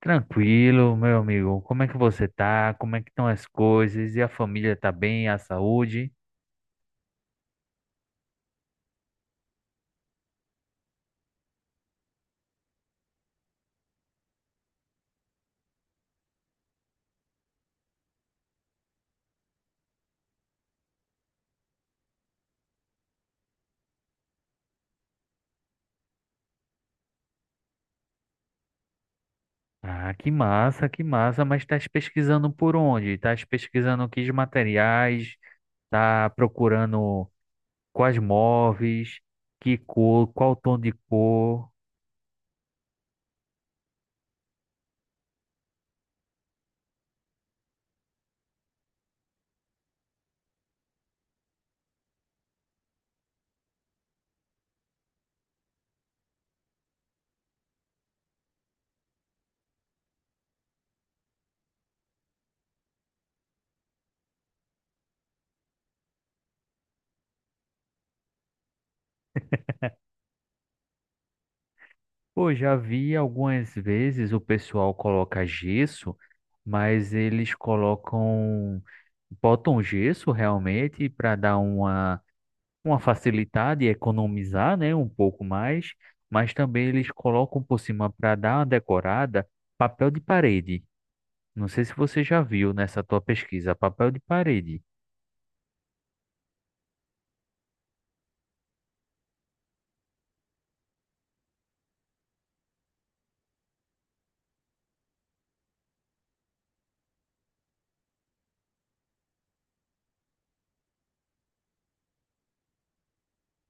Tranquilo, meu amigo. Como é que você tá? Como é que estão as coisas? E a família tá bem? A saúde? Ah, que massa, que massa. Mas estás pesquisando por onde? Estás pesquisando que materiais? Tá procurando quais móveis? Que cor? Qual tom de cor? Pô, já vi algumas vezes o pessoal coloca gesso, mas eles colocam, botam gesso realmente para dar uma facilidade e economizar, né, um pouco mais, mas também eles colocam por cima para dar uma decorada, papel de parede. Não sei se você já viu nessa tua pesquisa, papel de parede.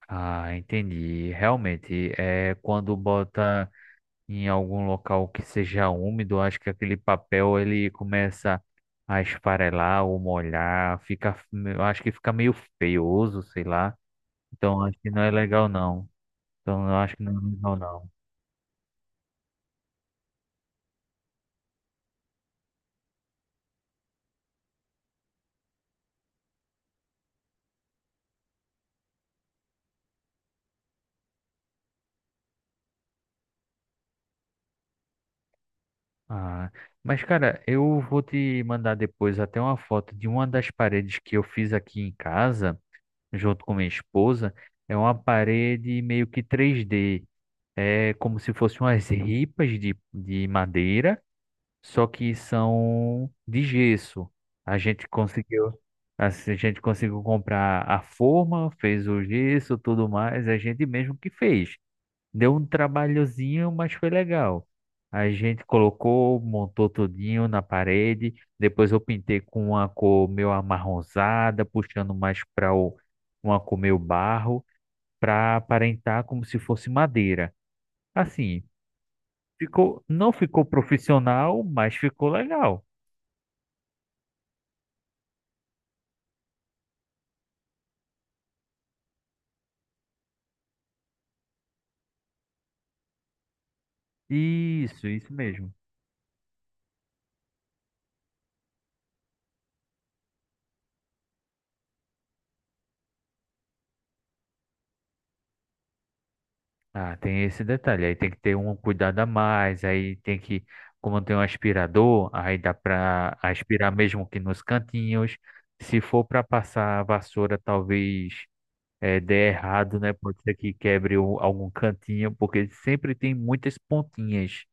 Ah, entendi. Realmente, é quando bota em algum local que seja úmido, acho que aquele papel ele começa a esfarelar ou molhar, fica, eu acho que fica meio feioso, sei lá. Então, acho que não é legal não. Então, eu acho que não é legal não. Ah, mas cara, eu vou te mandar depois até uma foto de uma das paredes que eu fiz aqui em casa, junto com minha esposa. É uma parede meio que três d. É como se fossem umas ripas de madeira, só que são de gesso. A gente conseguiu, assim, a gente conseguiu comprar a forma, fez o gesso, tudo mais, a gente mesmo que fez. Deu um trabalhozinho, mas foi legal. A gente colocou, montou tudinho na parede. Depois eu pintei com uma cor meio amarronzada, puxando mais para uma cor meio barro, para aparentar como se fosse madeira. Assim, ficou, não ficou profissional, mas ficou legal. Isso mesmo. Ah, tem esse detalhe. Aí tem que ter um cuidado a mais. Aí tem que, como tem um aspirador, aí dá para aspirar mesmo que nos cantinhos. Se for para passar a vassoura, talvez dê errado, né? Pode ser que quebre algum cantinho, porque sempre tem muitas pontinhas.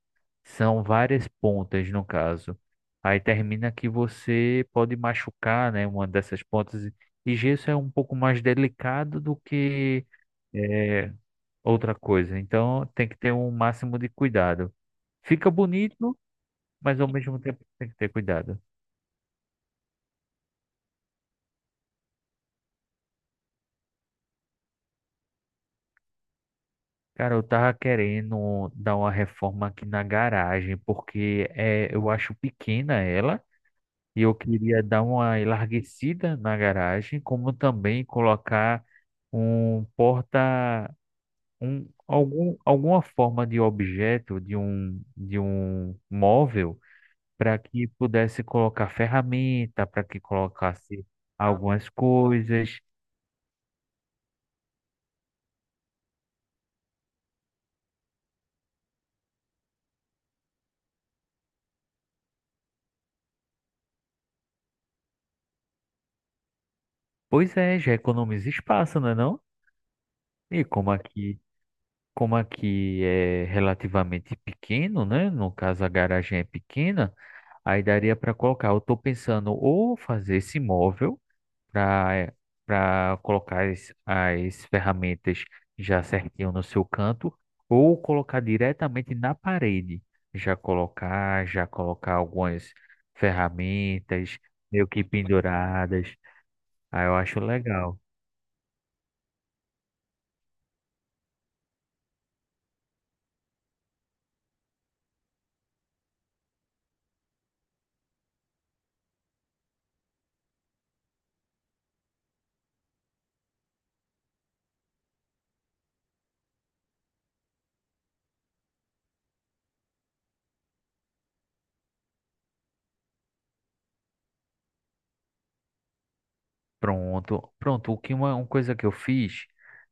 São várias pontas, no caso. Aí termina que você pode machucar, né? Uma dessas pontas. E gesso é um pouco mais delicado do que. é, Outra coisa. Então tem que ter um máximo de cuidado. Fica bonito, mas ao mesmo tempo tem que ter cuidado. Cara, eu tava querendo dar uma reforma aqui na garagem, porque eu acho pequena ela, e eu queria dar uma enlarguecida na garagem, como também colocar um porta, alguma forma de objeto, de um móvel para que pudesse colocar ferramenta, para que colocasse algumas coisas. Pois é, já economiza espaço, não é não? E como aqui é relativamente pequeno, né? No caso a garagem é pequena, aí daria para colocar. Eu estou pensando ou fazer esse móvel para colocar as ferramentas já certinho no seu canto, ou colocar diretamente na parede. Já colocar algumas ferramentas meio que penduradas. Aí eu acho legal. Pronto, pronto. O que uma coisa que eu fiz,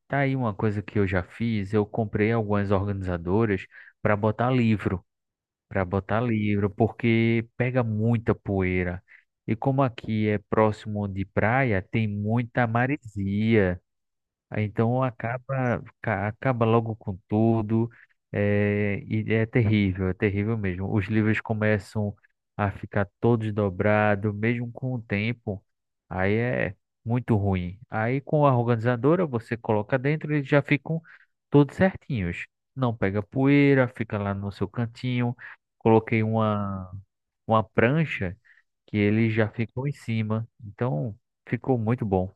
tá aí uma coisa que eu já fiz, eu comprei algumas organizadoras para botar livro. Para botar livro, porque pega muita poeira. E como aqui é próximo de praia, tem muita maresia. Aí, então acaba, acaba logo com tudo, e é terrível mesmo. Os livros começam a ficar todos dobrados, mesmo com o tempo, aí é muito ruim. Aí com a organizadora você coloca dentro e eles já ficam todos certinhos. Não pega poeira, fica lá no seu cantinho. Coloquei uma prancha que ele já ficou em cima, então ficou muito bom.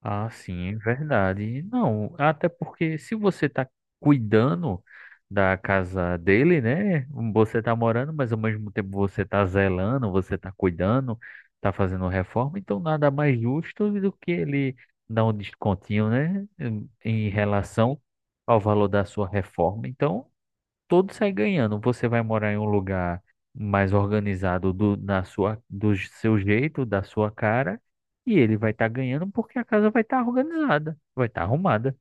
Ah, sim, é verdade. Não, até porque se você está cuidando da casa dele, né? Você está morando, mas ao mesmo tempo você está zelando, você está cuidando, está fazendo reforma, então nada mais justo do que ele dar um descontinho, né? Em relação ao valor da sua reforma. Então, todo sai ganhando. Você vai morar em um lugar mais organizado na sua, do seu jeito, da sua cara, e ele vai estar ganhando porque a casa vai estar organizada, vai estar arrumada.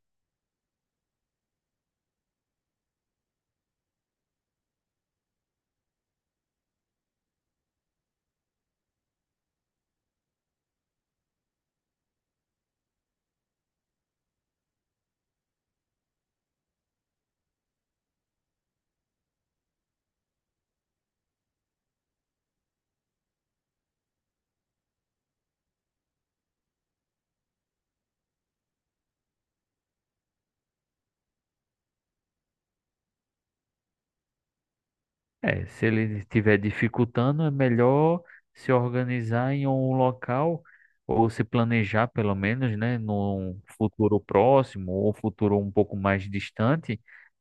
É, se ele estiver dificultando, é melhor se organizar em um local ou se planejar pelo menos, né, num futuro próximo ou futuro um pouco mais distante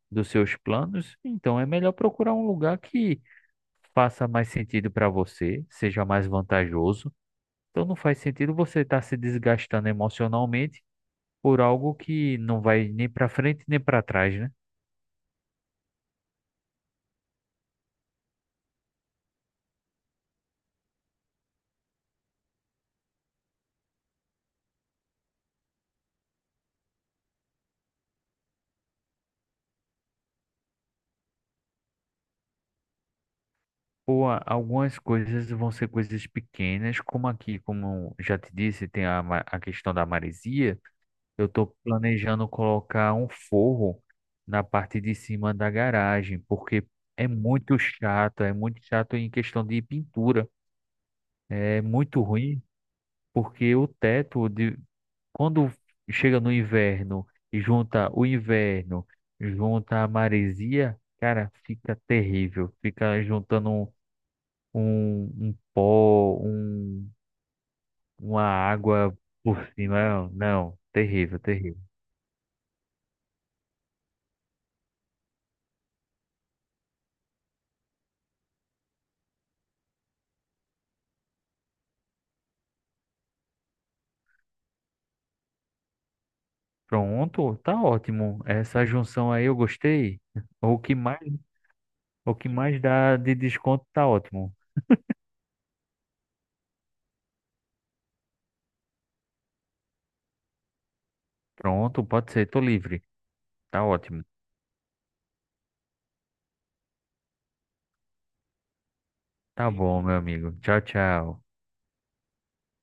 dos seus planos. Então é melhor procurar um lugar que faça mais sentido para você, seja mais vantajoso. Então não faz sentido você estar se desgastando emocionalmente por algo que não vai nem para frente nem para trás, né? Algumas coisas vão ser coisas pequenas, como aqui, como eu já te disse, tem a, a questão da maresia. Eu estou planejando colocar um forro na parte de cima da garagem, porque é muito chato em questão de pintura. É muito ruim, porque o teto de, quando chega no inverno e junta o inverno, junta a maresia, cara, fica terrível. Fica juntando um pó, uma água por cima. Não, terrível, terrível. Pronto, tá ótimo. Essa junção aí eu gostei. O que mais, o que mais dá de desconto tá ótimo. Pronto, pode ser, tô livre. Tá ótimo. Tá bom, meu amigo. Tchau, tchau.